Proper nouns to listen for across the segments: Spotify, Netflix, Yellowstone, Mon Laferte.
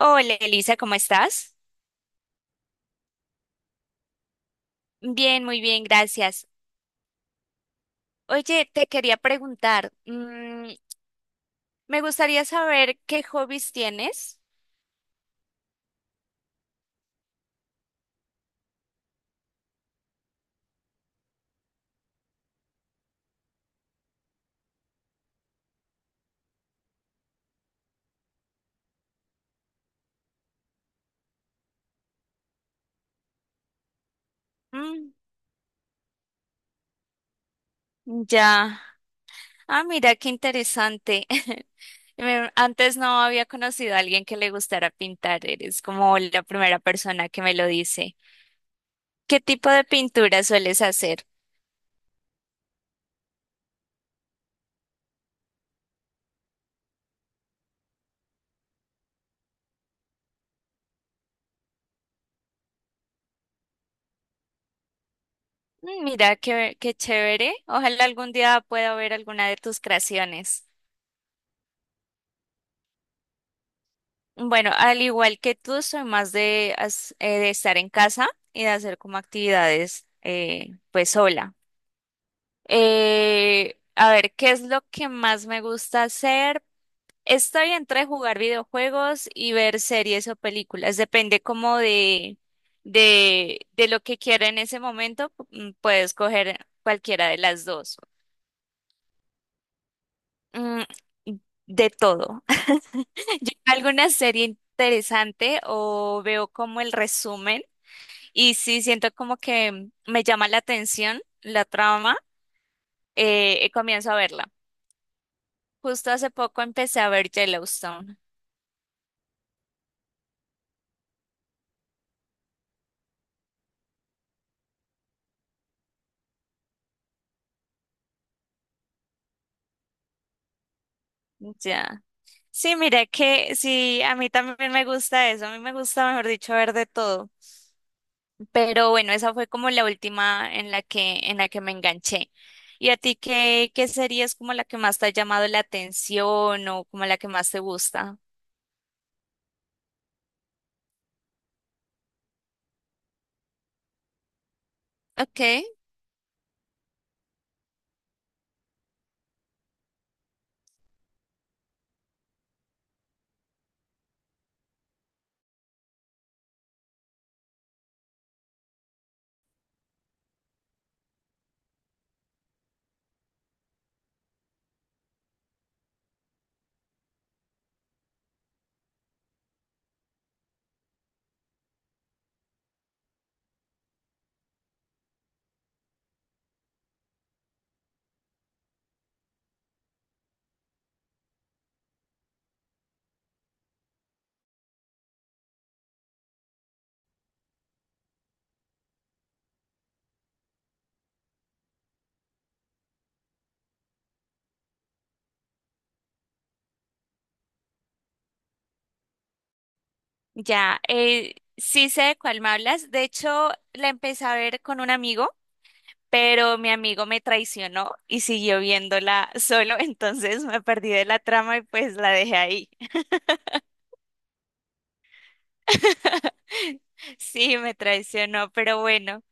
Hola Elisa, ¿cómo estás? Bien, muy bien, gracias. Oye, te quería preguntar, me gustaría saber qué hobbies tienes. Mm, ya. Ah, mira, qué interesante. Antes no había conocido a alguien que le gustara pintar. Eres como la primera persona que me lo dice. ¿Qué tipo de pintura sueles hacer? Mm, mira, qué chévere. Ojalá algún día pueda ver alguna de tus creaciones. Bueno, al igual que tú, soy más de de estar en casa y de hacer como actividades, pues sola. A ver, ¿qué es lo que más me gusta hacer? Estoy entre jugar videojuegos y ver series o películas. Depende como de lo que quiera en ese momento. Puedo escoger cualquiera de las dos. Mm, de todo. Yo veo alguna serie interesante o veo como el resumen. Y sí, siento como que me llama la atención la trama, y comienzo a verla. Justo hace poco empecé a ver Yellowstone. Ya. Sí, mira que sí, a mí también me gusta eso. A mí me gusta, mejor dicho, ver de todo. Pero bueno, esa fue como la última en la que me enganché. ¿Y a ti qué serie es como la que más te ha llamado la atención o como la que más te gusta? Okay, ya, sí sé de cuál me hablas. De hecho, la empecé a ver con un amigo, pero mi amigo me traicionó y siguió viéndola solo, entonces me perdí de la trama y pues la dejé ahí. Sí, me traicionó, pero bueno,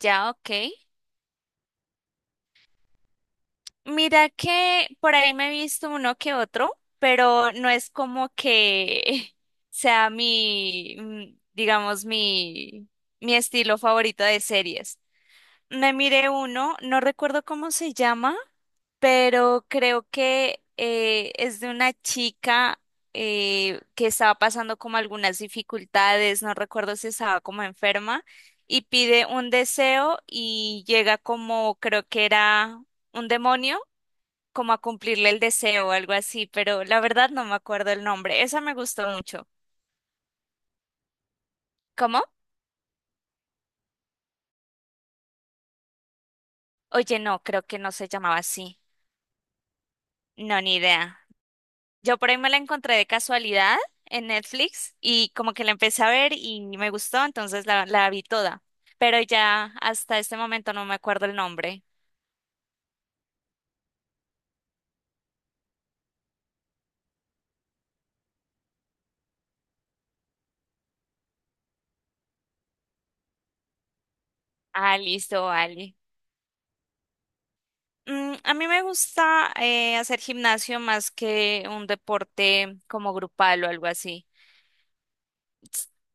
ya, ok. Mira que por ahí me he visto uno que otro, pero no es como que sea mi, digamos, mi estilo favorito de series. Me miré uno, no recuerdo cómo se llama, pero creo que es de una chica que estaba pasando como algunas dificultades, no recuerdo si estaba como enferma, y pide un deseo y llega como, creo que era un demonio, como a cumplirle el deseo o algo así, pero la verdad no me acuerdo el nombre, esa me gustó mucho. ¿Cómo? Oye, no, creo que no se llamaba así, no, ni idea. Yo por ahí me la encontré de casualidad en Netflix y como que la empecé a ver y me gustó, entonces la vi toda. Pero ya hasta este momento no me acuerdo el nombre. Ah, listo, Ali. Mm, a mí me gusta hacer gimnasio más que un deporte como grupal o algo así.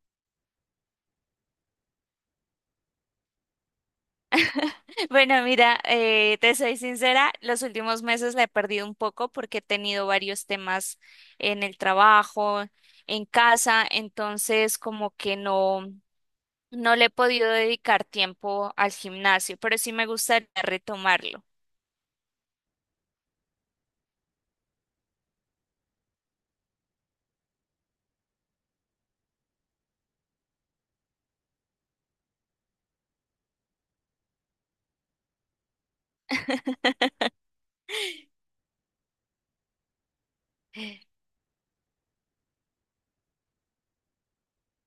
Bueno, mira, te soy sincera, los últimos meses la he perdido un poco porque he tenido varios temas en el trabajo, en casa, entonces como que no. No le he podido dedicar tiempo al gimnasio, pero sí me gustaría retomarlo.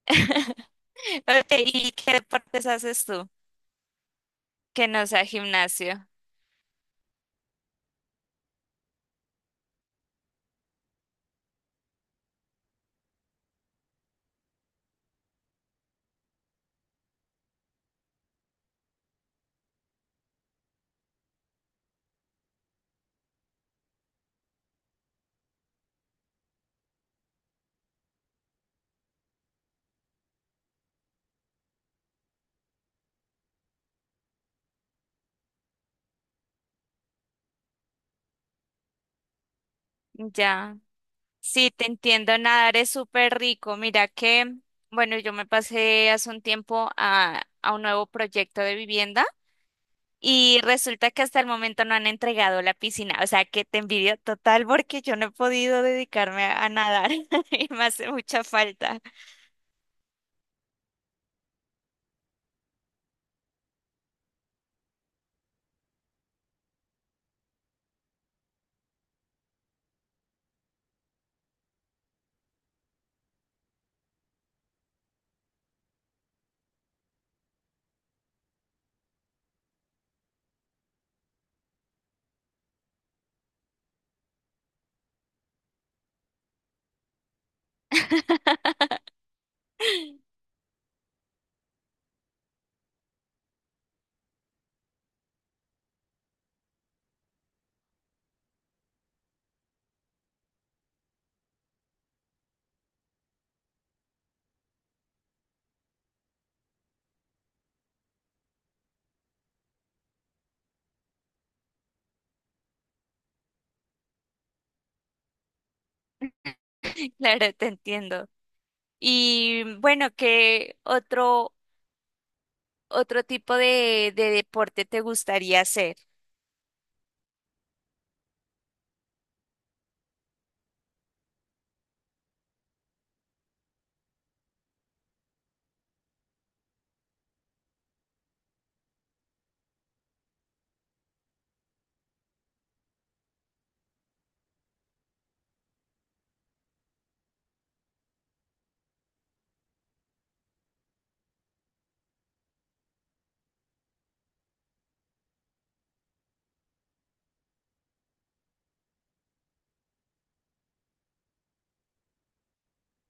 Ok, ¿y qué deportes haces tú que no sea gimnasio? Ya. Sí, te entiendo, nadar es súper rico. Mira que, bueno, yo me pasé hace un tiempo a un nuevo proyecto de vivienda y resulta que hasta el momento no han entregado la piscina. O sea, que te envidio total porque yo no he podido dedicarme a nadar y me hace mucha falta. Claro, te entiendo. Y bueno, ¿qué otro tipo de deporte te gustaría hacer?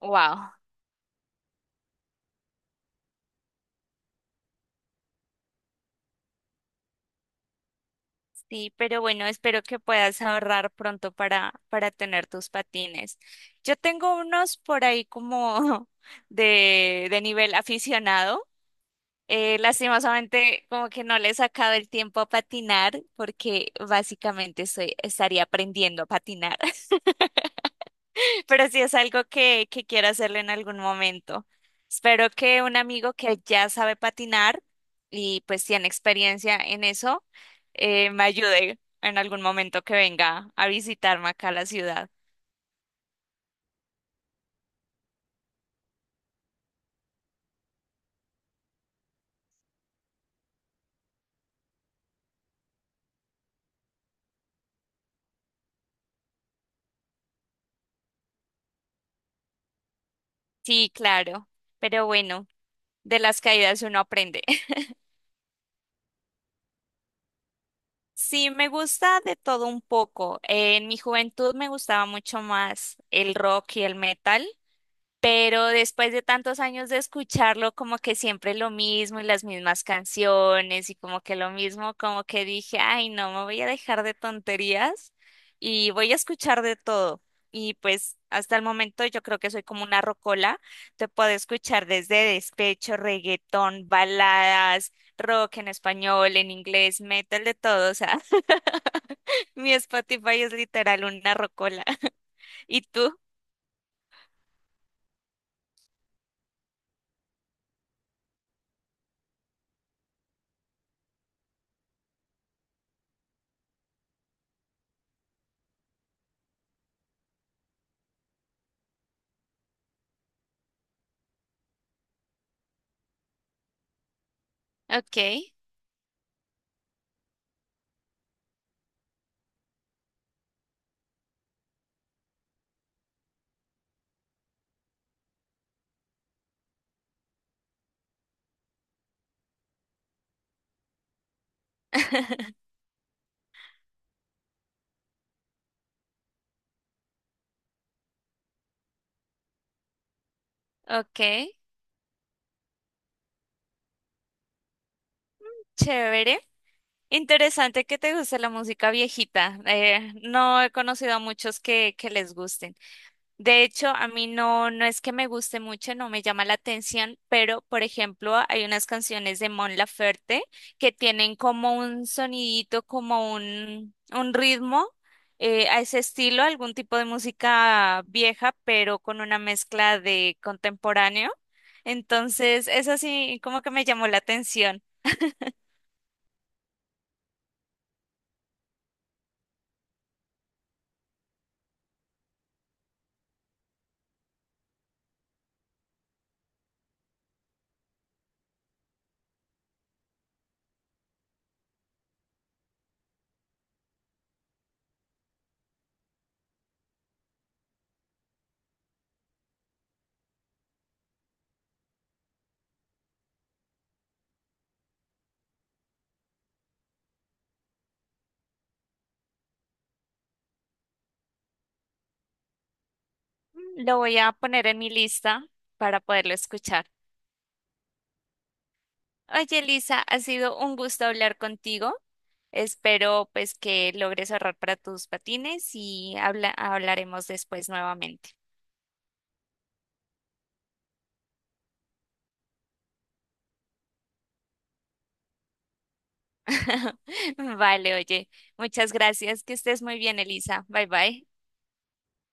Wow. Sí, pero bueno, espero que puedas ahorrar pronto para tener tus patines. Yo tengo unos por ahí como de nivel aficionado. Lastimosamente, como que no le he sacado el tiempo a patinar porque estaría aprendiendo a patinar. Pero sí es algo que quiero hacerlo en algún momento. Espero que un amigo que ya sabe patinar y pues tiene experiencia en eso, me ayude en algún momento que venga a visitarme acá a la ciudad. Sí, claro, pero bueno, de las caídas uno aprende. Sí, me gusta de todo un poco. En mi juventud me gustaba mucho más el rock y el metal. Pero después de tantos años de escucharlo, como que siempre lo mismo y las mismas canciones y como que lo mismo, como que dije, ay, no, me voy a dejar de tonterías y voy a escuchar de todo. Y pues hasta el momento yo creo que soy como una rocola, te puedo escuchar desde despecho, reggaetón, baladas, rock en español, en inglés, metal, de todo. O sea, mi Spotify es literal una rocola. ¿Y tú? Ok, ok. Chévere. Interesante que te guste la música viejita. No he conocido a muchos que les gusten. De hecho, a mí no, no es que me guste mucho, no me llama la atención, pero por ejemplo, hay unas canciones de Mon Laferte que tienen como un sonidito, como un ritmo, a ese estilo, algún tipo de música vieja, pero con una mezcla de contemporáneo. Entonces, eso sí, como que me llamó la atención. Mm, lo voy a poner en mi lista para poderlo escuchar. Oye, Elisa, ha sido un gusto hablar contigo. Espero pues que logres ahorrar para tus patines y hablaremos después nuevamente. Vale, oye, muchas gracias. Que estés muy bien, Elisa. Bye bye.